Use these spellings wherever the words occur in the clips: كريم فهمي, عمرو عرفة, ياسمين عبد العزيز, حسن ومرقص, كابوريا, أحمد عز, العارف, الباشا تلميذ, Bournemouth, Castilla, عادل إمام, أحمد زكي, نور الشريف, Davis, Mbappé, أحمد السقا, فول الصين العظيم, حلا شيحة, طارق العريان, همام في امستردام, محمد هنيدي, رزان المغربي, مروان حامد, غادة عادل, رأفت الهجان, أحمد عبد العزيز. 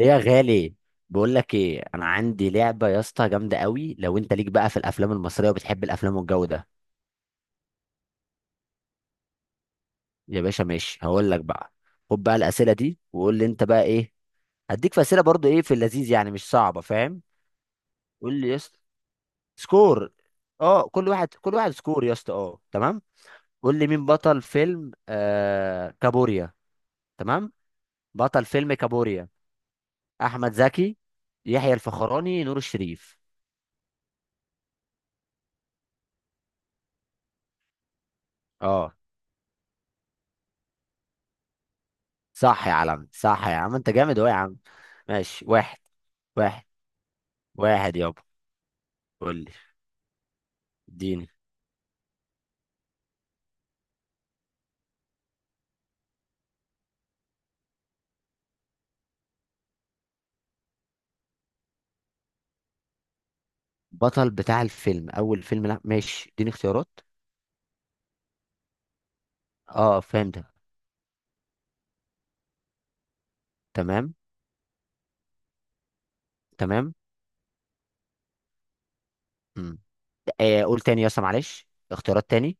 إيه يا غالي. بقول لك ايه، انا عندي لعبه يا اسطى جامده قوي، لو انت ليك بقى في الافلام المصريه وبتحب الافلام والجو ده. يا باشا ماشي، هقول لك بقى. خد بقى الاسئله دي وقول لي انت بقى ايه. هديك في اسئله برضو ايه في اللذيذ يعني، مش صعبه فاهم. قول لي يا اسطى. سكور. اه، كل واحد سكور يا اسطى، اه تمام. قول لي مين بطل فيلم كابوريا. تمام، بطل فيلم كابوريا: احمد زكي، يحيى الفخراني، نور الشريف. اه، صح يا عالم، صح يا عم، انت جامد اهو يا عم. ماشي واحد. واحد. واحد يابا. قول لي. اديني. بطل بتاع الفيلم، اول فيلم، لا ماشي اديني اختيارات. اه فهمتك. تمام. تمام. امم قول تاني يا اسطى معلش. اختيارات تاني.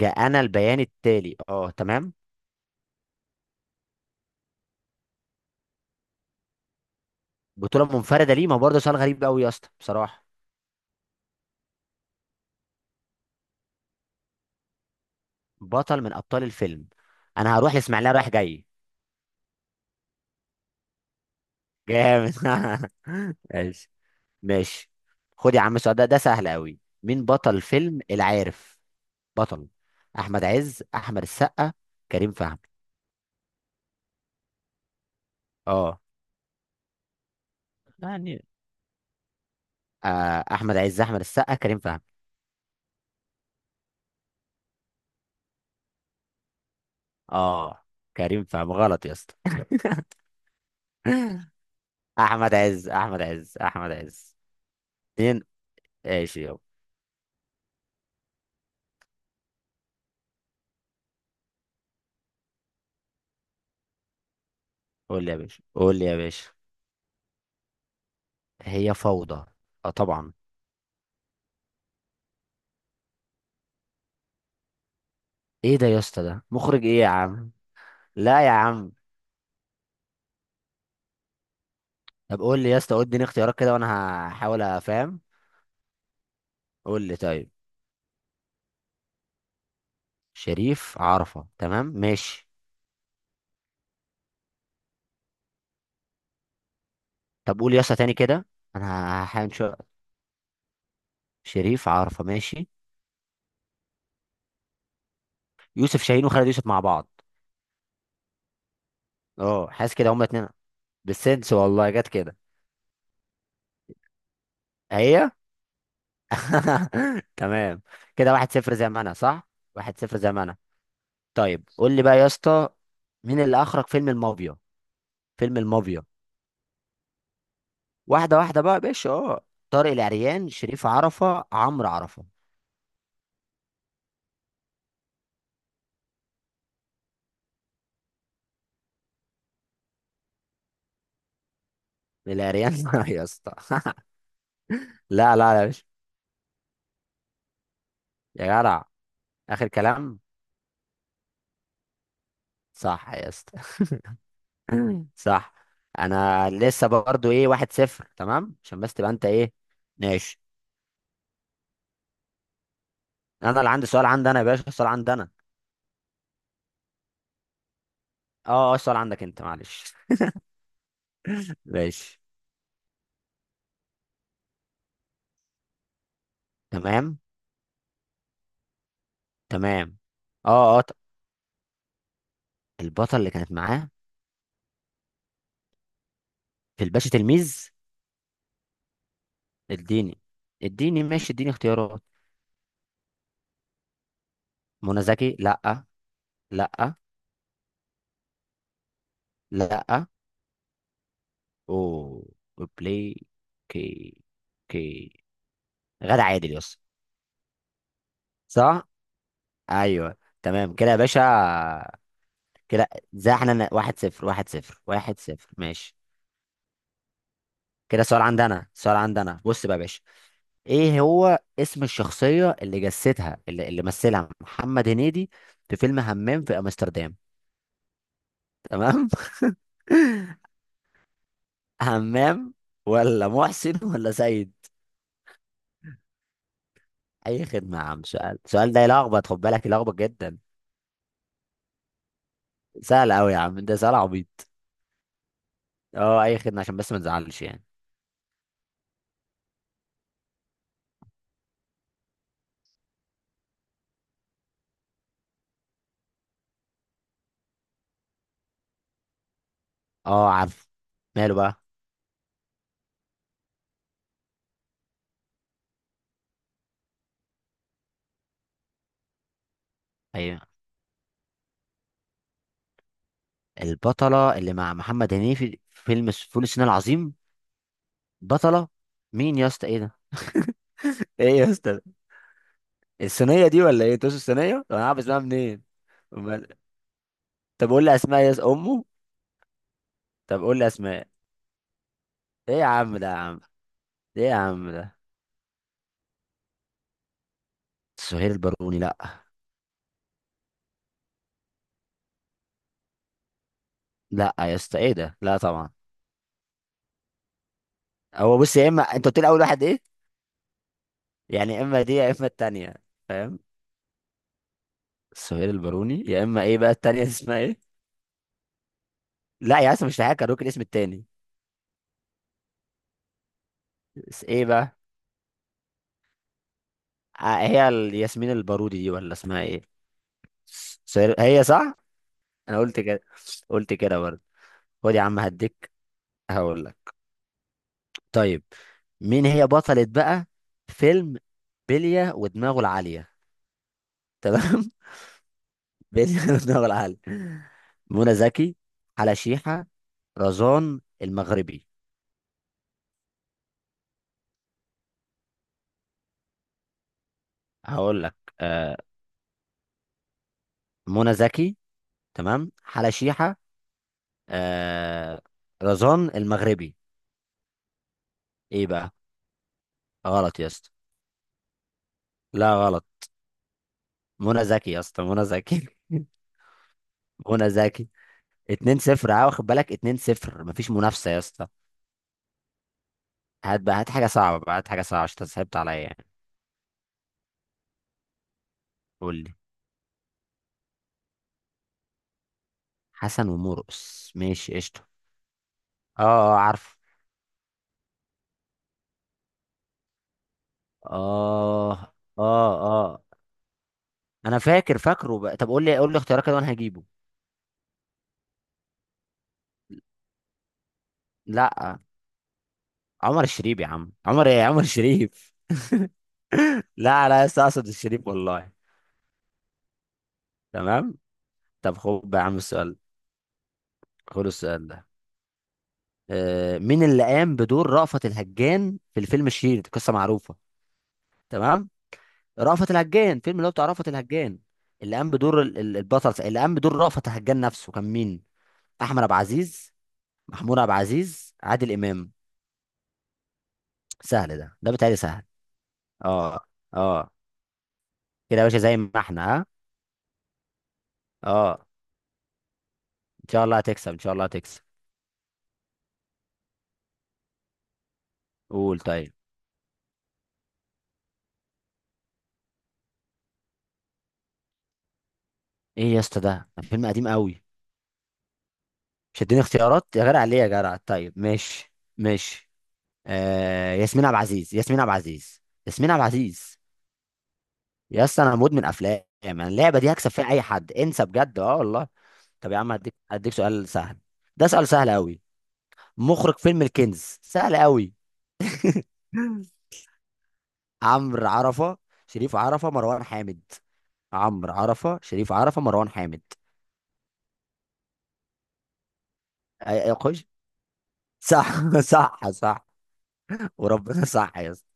جاء انا البيان التالي، اه تمام. بطولة منفردة ليه؟ ما هو برضه سؤال غريب قوي يا اسطى بصراحة. بطل من ابطال الفيلم. انا هروح لاسماعيليه رايح جاي. جامد. ماشي. ماشي، خد يا عم السؤال ده ده سهل قوي. مين بطل فيلم العارف؟ بطل: احمد عز، احمد السقا، كريم فهمي. اه يعني، احمد عز، احمد السقا، كريم فهمي. اه، كريم فهمي غلط يا اسطى. احمد عز، احمد عز، احمد عز. اتنين. ماشي يابا. قول لي يا باشا، قول لي يا باشا. هي فوضى. اه طبعا. ايه ده يا اسطى؟ ده مخرج ايه يا عم؟ لا يا عم. طب قول لي يا اسطى، قول اديني اختيارات كده وانا هحاول افهم. قول لي طيب. شريف عرفة تمام ماشي. طب قول يسا تاني كده، انا هحاول شريف عرفة ماشي. يوسف شاهين وخالد يوسف مع بعض. اه حاسس كده هما اتنين. بالسنس والله جت كده. هي. تمام. كده واحد صفر زي ما انا، صح، واحد صفر زي ما انا. طيب قول لي بقى يا اسطى، مين اللي اخرج فيلم المافيا؟ فيلم المافيا. واحده واحده بقى يا باشا، اه. طارق العريان، شريف عرفة، عمرو عرفة. العريان. يا اسطى. لا لا يا باشا، يا جدع، اخر كلام. صح يا اسطى. صح. انا لسه برضو ايه، واحد صفر، تمام عشان بس تبقى انت ايه. ماشي. انا اللي عندي سؤال، عندي انا يا باشا، السؤال عندي انا. اه السؤال عندك انت معلش. ماشي. تمام. تمام. اه اه ط- البطل اللي كانت معاه في الباشا تلميذ. اديني. اديني ماشي، اديني اختيارات. منى زكي لا. لا. لا. او بلاي كي. كي. غادة عادل يس. صح. ايوه. تمام كده يا باشا. كده. زي احنا واحد صفر، واحد صفر، واحد صفر ماشي. كده سؤال عندنا، سؤال عندنا. بص بقى يا باشا، ايه هو اسم الشخصية اللي جسدها اللي مثلها محمد هنيدي في فيلم همام في امستردام؟ تمام. همام ولا محسن ولا سيد؟ اي خدمة يا عم، سؤال، السؤال ده يلخبط، خد بالك يلخبط جدا. سهل قوي يا عم، ده سؤال عبيط. اه اي خدمة عشان بس ما نزعلش يعني. اه عارف. ماله بقى؟ ايوه. البطلة اللي مع محمد هنيدي في فيلم فول الصين العظيم. بطلة. مين يا اسطى؟ ايه ده؟ ايه يا اسطى ده؟ الصينيه دي ولا ايه، توس الصينيه، طب انا عارف اسمها منين؟ امال. طب قول لي اسماء امه. طب قول لي اسماء. ايه يا عم ده يا عم، ايه يا عم ده. سهير الباروني لا. لا يا اسطى ايه ده، لا طبعا. هو بص يا اما، انت قلت لي اول واحد ايه؟ يعني يا اما دي يا اما التانيه، فاهم. سهير الباروني يا اما، ايه بقى التانيه؟ دي اسمها ايه؟ لا يا اسطى، مش هحكي، هدوك الاسم التاني. بس ايه بقى؟ هي الياسمين البارودي دي ولا اسمها ايه؟ هي صح. انا قلت كده. قلت كده برضه. خد يا عم، هديك. هقول لك. طيب. مين هي بطلة بقى فيلم بلية ودماغه العالية؟ تمام. بلية ودماغه العالية: منى زكي، حلا شيحة، رزان المغربي. هقول لك. آه، منى زكي. تمام. حلا شيحة. آه، رزان المغربي. ايه بقى؟ غلط يا اسطى. لا، غلط. منى زكي يا اسطى، منى زكي. منى زكي. 2-0، اه واخد بالك، 2-0 مفيش منافسه يا اسطى. هات بقى، هات حاجه صعبه بقى، هات حاجه صعبه عشان انت صعبت عليا يعني. قول لي. حسن ومرقص، ماشي قشطه. اه. اه عارف. اه. اه. اه انا فاكر، فاكره بقى. طب قول لي، قول لي اختيارات كده وانا هجيبه. لا. عمر الشريف. يا عم عمر ايه؟ عمر الشريف. لا لا يا اسطى، اقصد الشريف والله. تمام. طب خد بقى يا عم السؤال. خد السؤال ده. مين اللي قام بدور رأفت الهجان في الفيلم الشهير، دي قصة معروفة. تمام. رأفت الهجان، فيلم اللي هو بتاع رأفت الهجان. اللي قام بدور البطل، اللي قام بدور رأفت الهجان نفسه، كان مين؟ أحمد عبد العزيز، محمود عبد العزيز، عادل إمام. سهل ده، ده بتهيألي سهل. اه. اه. كده يا باشا زي ما احنا، ها. اه، ان شاء الله هتكسب، ان شاء الله هتكسب. قول طيب. ايه يا اسطى ده فيلم قديم قوي. مش هتديني اختيارات يا جدع؟ ليه يا جدع؟ طيب ماشي. ماشي. آه، ياسمين عبد العزيز، ياسمين عبد العزيز، ياسمين عبد العزيز. يا اسطى انا مدمن افلام، انا اللعبه دي هكسب فيها اي حد، انسى بجد، اه والله. طب يا عم، هديك سؤال سهل. ده سؤال سهل قوي. مخرج فيلم الكنز، سهل قوي. عمرو عرفه، شريف عرفه، مروان حامد. عمرو عرفه، شريف عرفه، مروان حامد. اي خش. صح. صح. صح وربنا، صح يا اسطى.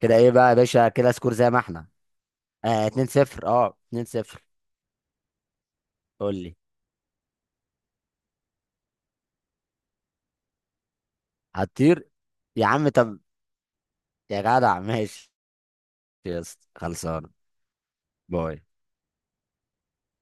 كده ايه بقى يا باشا؟ كده سكور زي ما احنا. آه، 2-0. اه 2-0. قول لي. هتطير؟ يا عم طب، يا جدع ماشي. يا اسطى خلصان. باي.